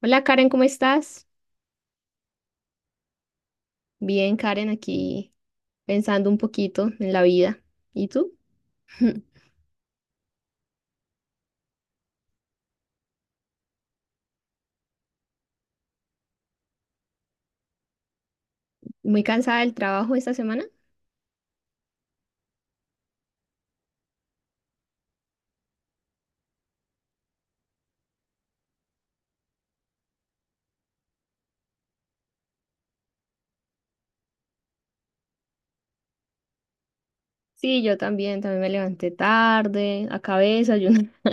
Hola Karen, ¿cómo estás? Bien, Karen, aquí pensando un poquito en la vida. ¿Y tú? ¿Muy cansada del trabajo esta semana? Sí, yo también, me levanté tarde, acabé de desayunar.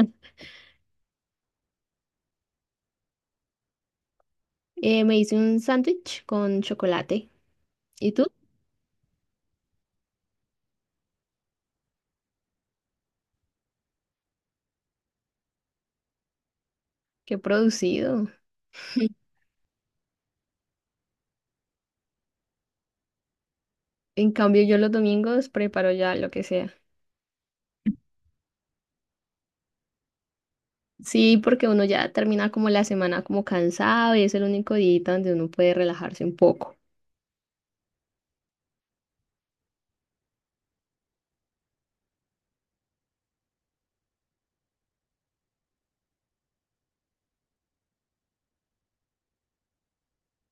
Me hice un sándwich con chocolate. ¿Y tú? Qué producido. En cambio, yo los domingos preparo ya lo que sea. Sí, porque uno ya termina como la semana como cansado y es el único día donde uno puede relajarse un poco.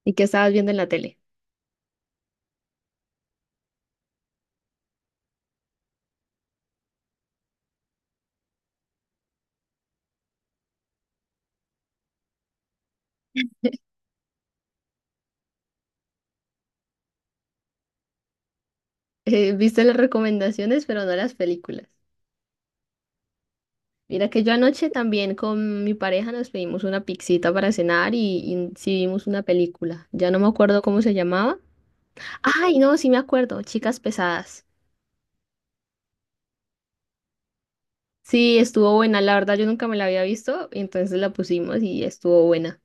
¿Y qué estabas viendo en la tele? Viste las recomendaciones, pero no las películas. Mira que yo anoche también con mi pareja nos pedimos una pixita para cenar y sí vimos una película. Ya no me acuerdo cómo se llamaba. Ay, no, sí me acuerdo, Chicas Pesadas. Sí, estuvo buena, la verdad yo nunca me la había visto, entonces la pusimos y estuvo buena.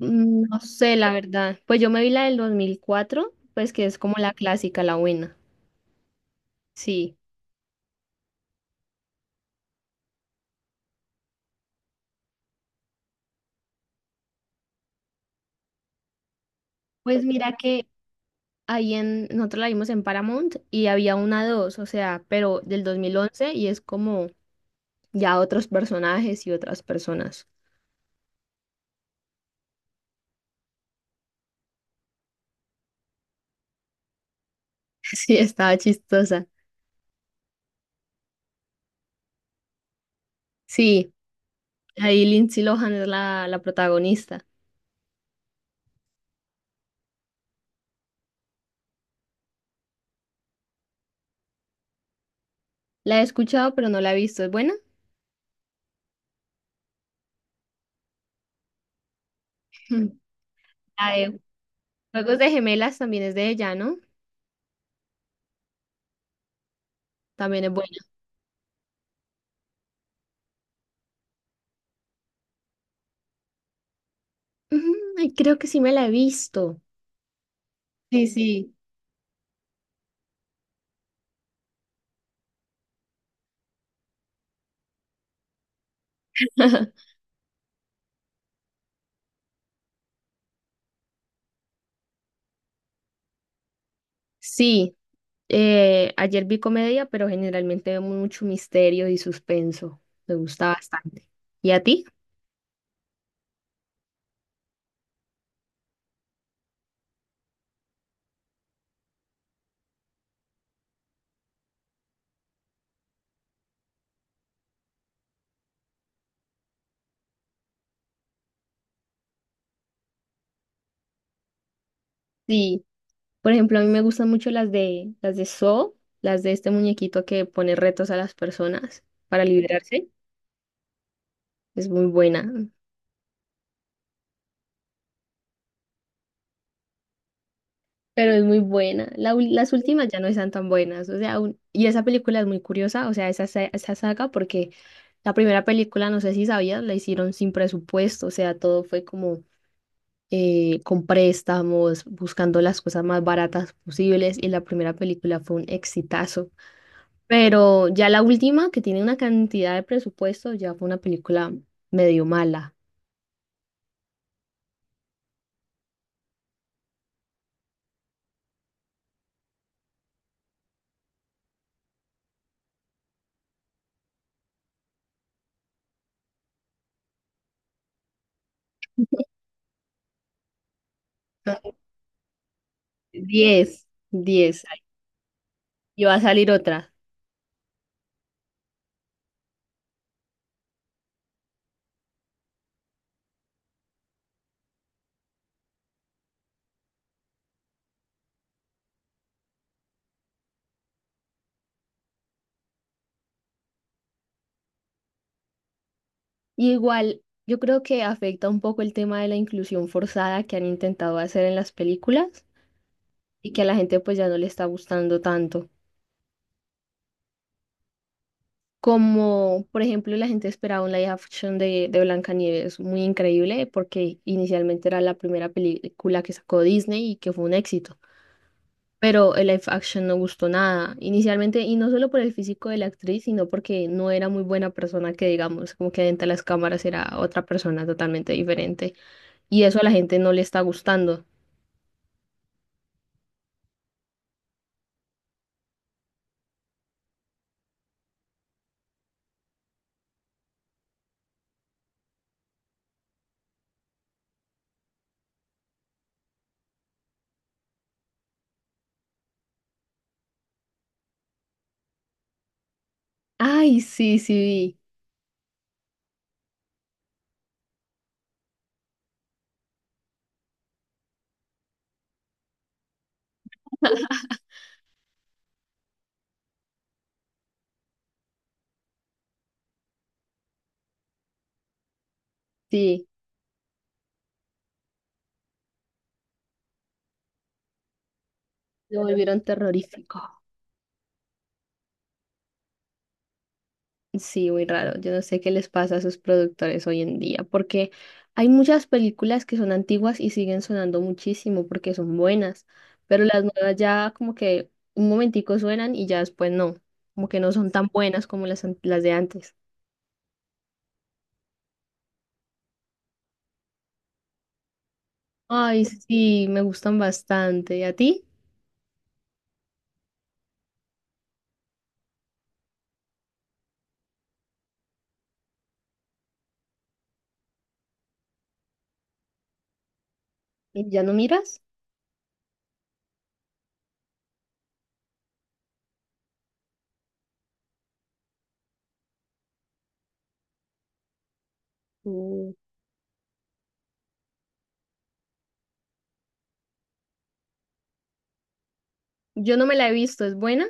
Mm, no sé, la verdad. Pues yo me vi la del 2004, pues que es como la clásica, la buena. Sí. Pues mira que nosotros la vimos en Paramount y había una dos, o sea, pero del 2011 y es como ya otros personajes y otras personas. Sí, estaba chistosa. Sí, ahí Lindsay Lohan es la protagonista. La he escuchado, pero no la he visto. ¿Es buena? Ujú. La de Juegos de Gemelas también es de ella, ¿no? También es buena. Ujú, ay, creo que sí me la he visto. Sí, sí. Sí, ayer vi comedia, pero generalmente veo mucho misterio y suspenso. Me gusta bastante. ¿Y a ti? Sí. Por ejemplo, a mí me gustan mucho las de Saw, las de este muñequito que pone retos a las personas para liberarse. Es muy buena, pero es muy buena. Las últimas ya no están tan buenas, o sea, y esa película es muy curiosa, o sea, esa saga porque la primera película, no sé si sabías, la hicieron sin presupuesto, o sea, todo fue como con préstamos, buscando las cosas más baratas posibles y la primera película fue un exitazo. Pero ya la última, que tiene una cantidad de presupuesto, ya fue una película medio mala. Diez, diez, y va a salir otra. Igual, yo creo que afecta un poco el tema de la inclusión forzada que han intentado hacer en las películas y que a la gente pues ya no le está gustando tanto. Como, por ejemplo, la gente esperaba un live action de Blancanieves muy increíble porque inicialmente era la primera película que sacó Disney y que fue un éxito. Pero el live action no gustó nada inicialmente, y no solo por el físico de la actriz, sino porque no era muy buena persona, que digamos, como que dentro de las cámaras era otra persona totalmente diferente, y eso a la gente no le está gustando. Ay, sí, sí, vi, sí, lo volvieron terrorífico. Sí, muy raro. Yo no sé qué les pasa a sus productores hoy en día, porque hay muchas películas que son antiguas y siguen sonando muchísimo porque son buenas, pero las nuevas ya como que un momentico suenan y ya después no, como que no son tan buenas como las, las de antes. Ay, sí, me gustan bastante. ¿Y a ti? ¿Y ya no miras? Mm. Yo no me la he visto, ¿es buena?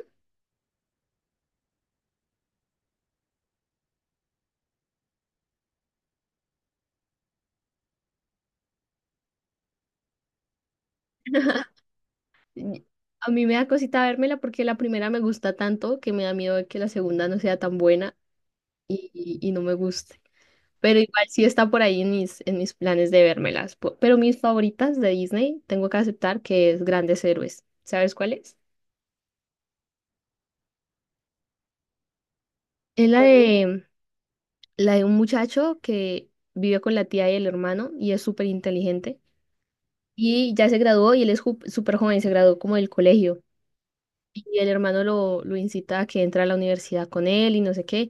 Y- A mí me da cosita vérmela porque la primera me gusta tanto que me da miedo de que la segunda no sea tan buena y no me guste. Pero igual sí está por ahí en mis planes de vérmelas. Pero mis favoritas de Disney, tengo que aceptar que es Grandes Héroes. ¿Sabes cuál es? Es la Ok. La de un muchacho que vive con la tía y el hermano y es súper inteligente. Y ya se graduó y él es súper joven, se graduó como del colegio. Y el hermano lo incita a que entre a la universidad con él y no sé qué.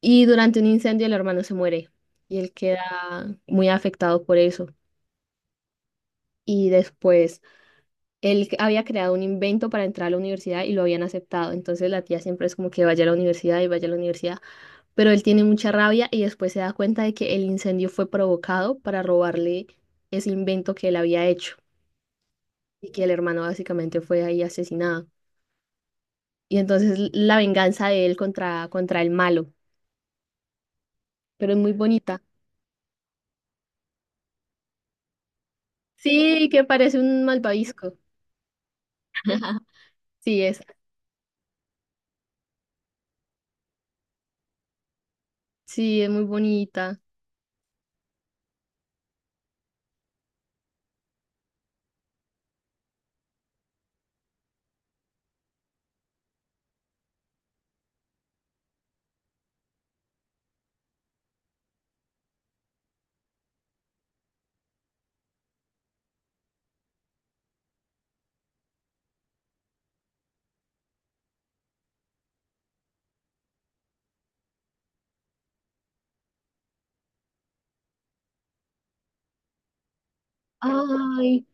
Y durante un incendio el hermano se muere y él queda muy afectado por eso. Y después él había creado un invento para entrar a la universidad y lo habían aceptado. Entonces la tía siempre es como que vaya a la universidad y vaya a la universidad. Pero él tiene mucha rabia y después se da cuenta de que el incendio fue provocado para robarle ese invento que él había hecho y que el hermano básicamente fue ahí asesinado. Y entonces la venganza de él contra el malo. Pero es muy bonita. Sí, que parece un malvavisco. Sí, es. Sí, es muy bonita. Ay,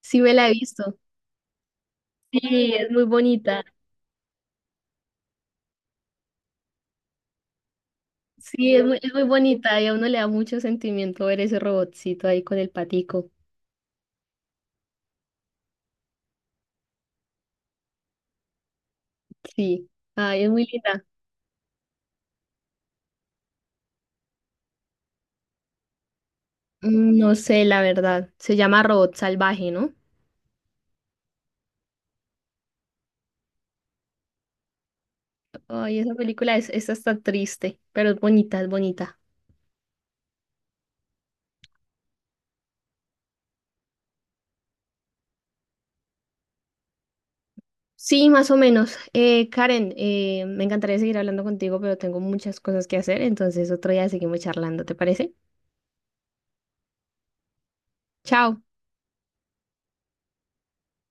sí me la he visto. Sí, es muy bonita. Sí, es muy bonita y a uno le da mucho sentimiento ver ese robotcito ahí con el patico. Sí, ay, es muy linda. Mm, no sé, la verdad. Se llama Robot Salvaje, ¿no? Ay, esa película es hasta triste, pero es bonita, es bonita. Sí, más o menos. Karen, me encantaría seguir hablando contigo, pero tengo muchas cosas que hacer, entonces otro día seguimos charlando, ¿te parece? Chao.